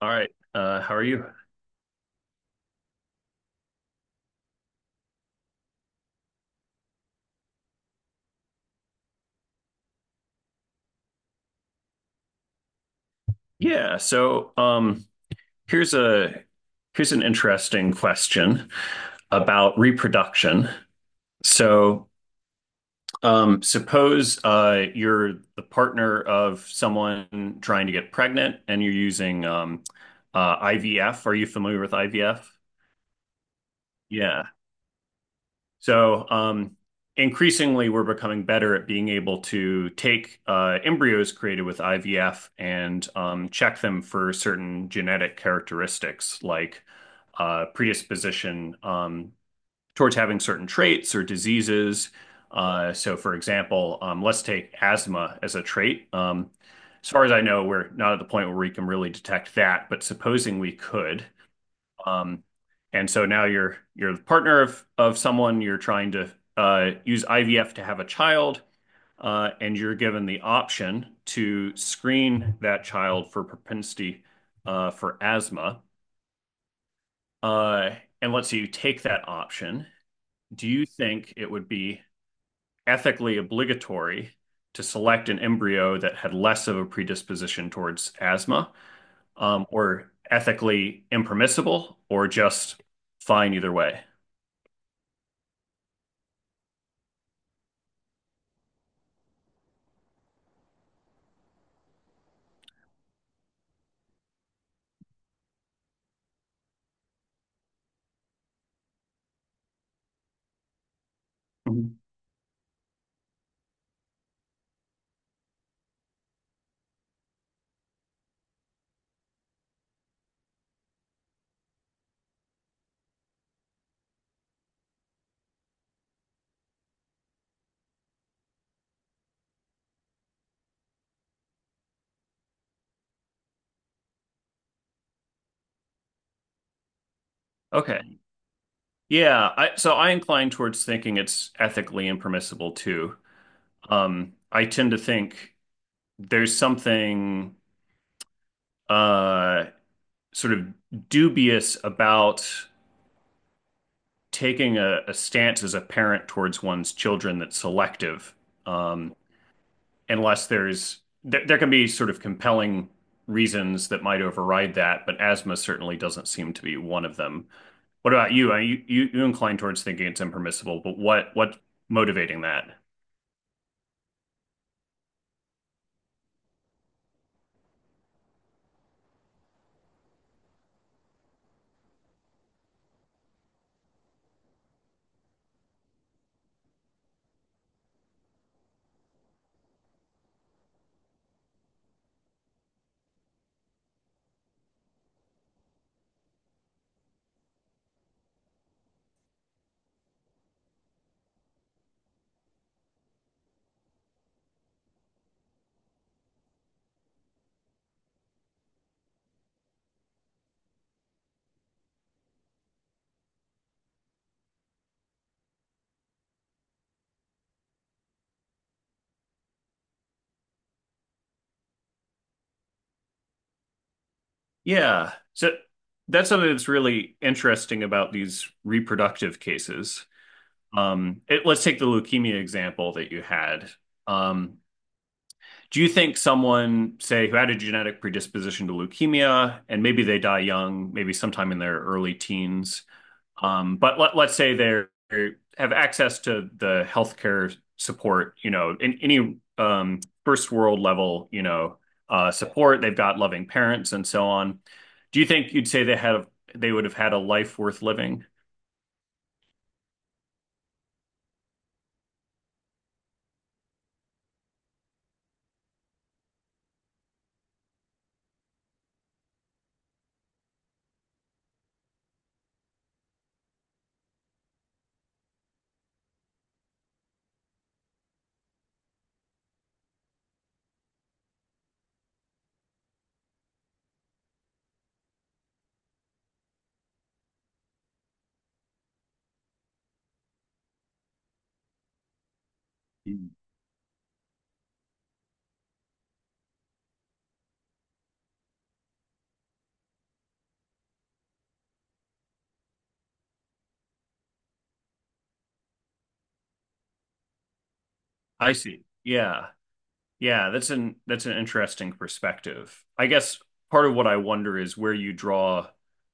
All right. How are you? Yeah. So, um, here's a Here's an interesting question about reproduction. So, Suppose you're the partner of someone trying to get pregnant, and you're using IVF. Are you familiar with IVF? Yeah. So um, Increasingly, we're becoming better at being able to take embryos created with IVF and check them for certain genetic characteristics like predisposition towards having certain traits or diseases. So for example, let's take asthma as a trait. As far as I know, we're not at the point where we can really detect that, but supposing we could, um, and so now you're the partner of someone. You're trying to use IVF to have a child, and you're given the option to screen that child for propensity for asthma. Uh, and let's say you take that option. Do you think it would be ethically obligatory to select an embryo that had less of a predisposition towards asthma, or ethically impermissible, or just fine either way? Mhm. Okay. Yeah, so I incline towards thinking it's ethically impermissible too. I tend to think there's something uh, sort of dubious about taking a stance as a parent towards one's children that's selective. Um, unless there's there can be sort of compelling reasons that might override that, but asthma certainly doesn't seem to be one of them. What about you? You incline towards thinking it's impermissible, but what motivating that? Yeah. So that's something that's really interesting about these reproductive cases. Let's take the leukemia example that you had. Um, Do you think someone, say, who had a genetic predisposition to leukemia, and maybe they die young, maybe sometime in their early teens, but let's say they have access to the healthcare support, you know, in any first world level, you know, support, they've got loving parents and so on. Do you think you'd say they would have had a life worth living? I see. Yeah. Yeah, that's an interesting perspective. I guess part of what I wonder is where you draw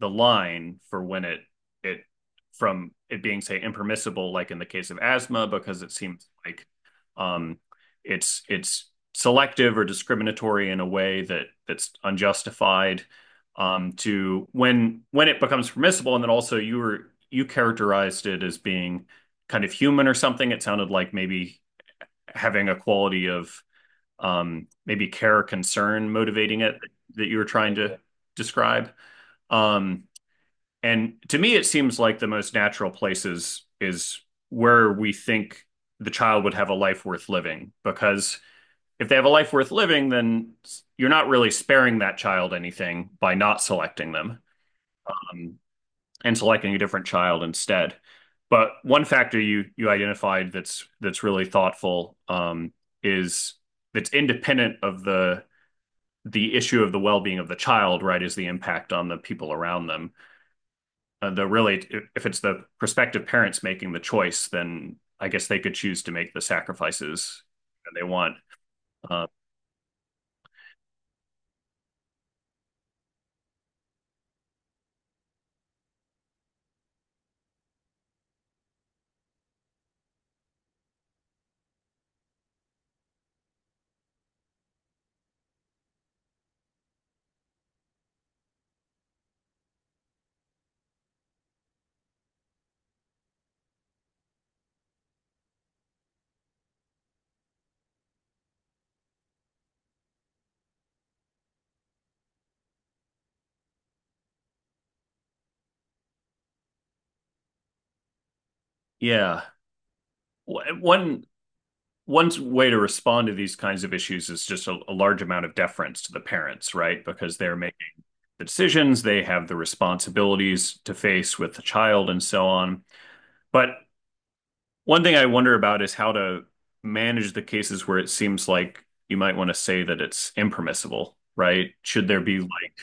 the line for when it it being say impermissible, like in the case of asthma, because it seems like um, it's selective or discriminatory in a way that that's unjustified. To when it becomes permissible, and then also you characterized it as being kind of human or something. It sounded like maybe having a quality of maybe care or concern motivating it that you were trying to describe. Um, And to me, it seems like the most natural places is where we think the child would have a life worth living. Because if they have a life worth living, then you're not really sparing that child anything by not selecting them um, and selecting a different child instead. But one factor you identified that's really thoughtful is that's independent of the issue of the well-being of the child, right, is the impact on the people around them, the really, if it's the prospective parents making the choice, then I guess they could choose to make the sacrifices that they want. uh, yeah one one way to respond to these kinds of issues is just a large amount of deference to the parents, right? Because they're making the decisions, they have the responsibilities to face with the child, and so on. But one thing I wonder about is how to manage the cases where it seems like you might want to say that it's impermissible, right? Should there be like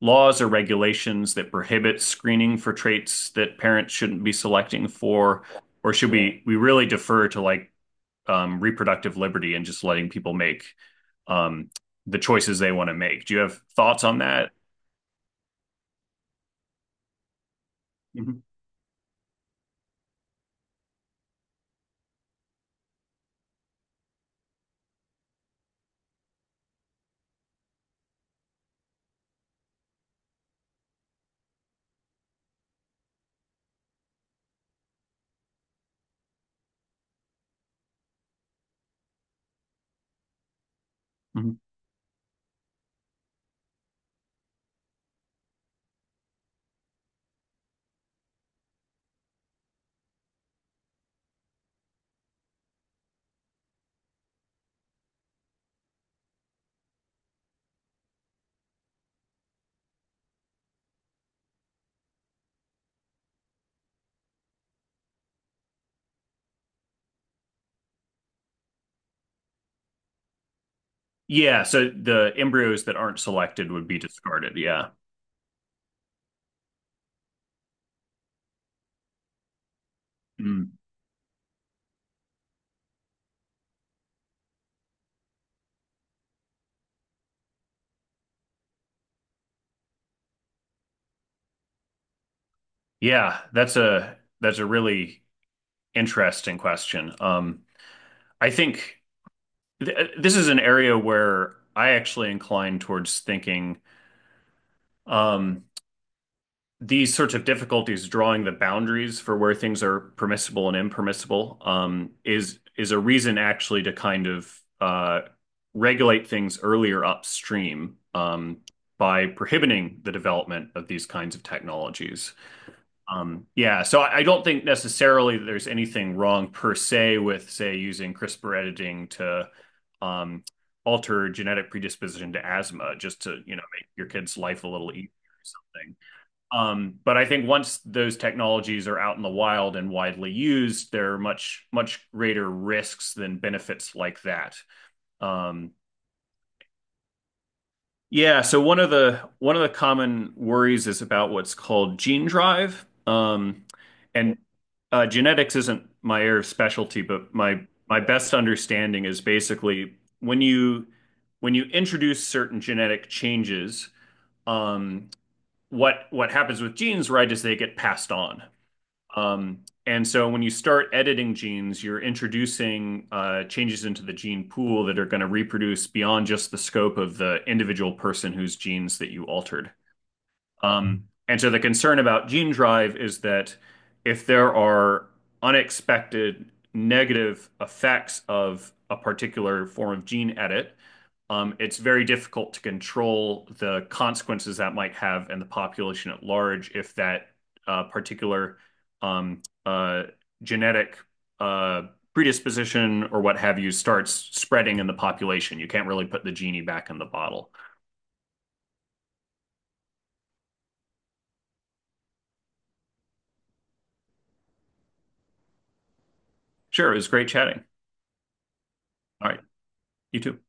laws or regulations that prohibit screening for traits that parents shouldn't be selecting for, or should we really defer to like reproductive liberty and just letting people make um, the choices they want to make? Do you have thoughts on that? Mhm. Mhm. Yeah, so the embryos that aren't selected would be discarded. Yeah. Mm. Yeah, that's a really interesting question. I think th this is an area where I actually incline towards thinking um, these sorts of difficulties drawing the boundaries for where things are permissible and impermissible is a reason actually to kind of regulate things earlier upstream, by prohibiting the development of these kinds of technologies. Yeah, so I don't think necessarily that there's anything wrong per se with, say, using CRISPR editing to um, alter genetic predisposition to asthma, just to, you know, make your kid's life a little easier or something. But I think once those technologies are out in the wild and widely used, there are much, much greater risks than benefits like that. Um, yeah, so one of the common worries is about what's called gene drive. And Genetics isn't my area of specialty, but my best understanding is basically when you when you introduce certain genetic changes, um, what happens with genes, right, is they get passed on. And so when you start editing genes, you're introducing changes into the gene pool that are going to reproduce beyond just the scope of the individual person whose genes that you altered. And so the concern about gene drive is that if there are unexpected negative effects of a particular form of gene edit, it's very difficult to control the consequences that might have in the population at large if that particular um, uh, genetic uh, predisposition or what have you starts spreading in the population. You can't really put the genie back in the bottle. Sure, it was great chatting. All right, you too.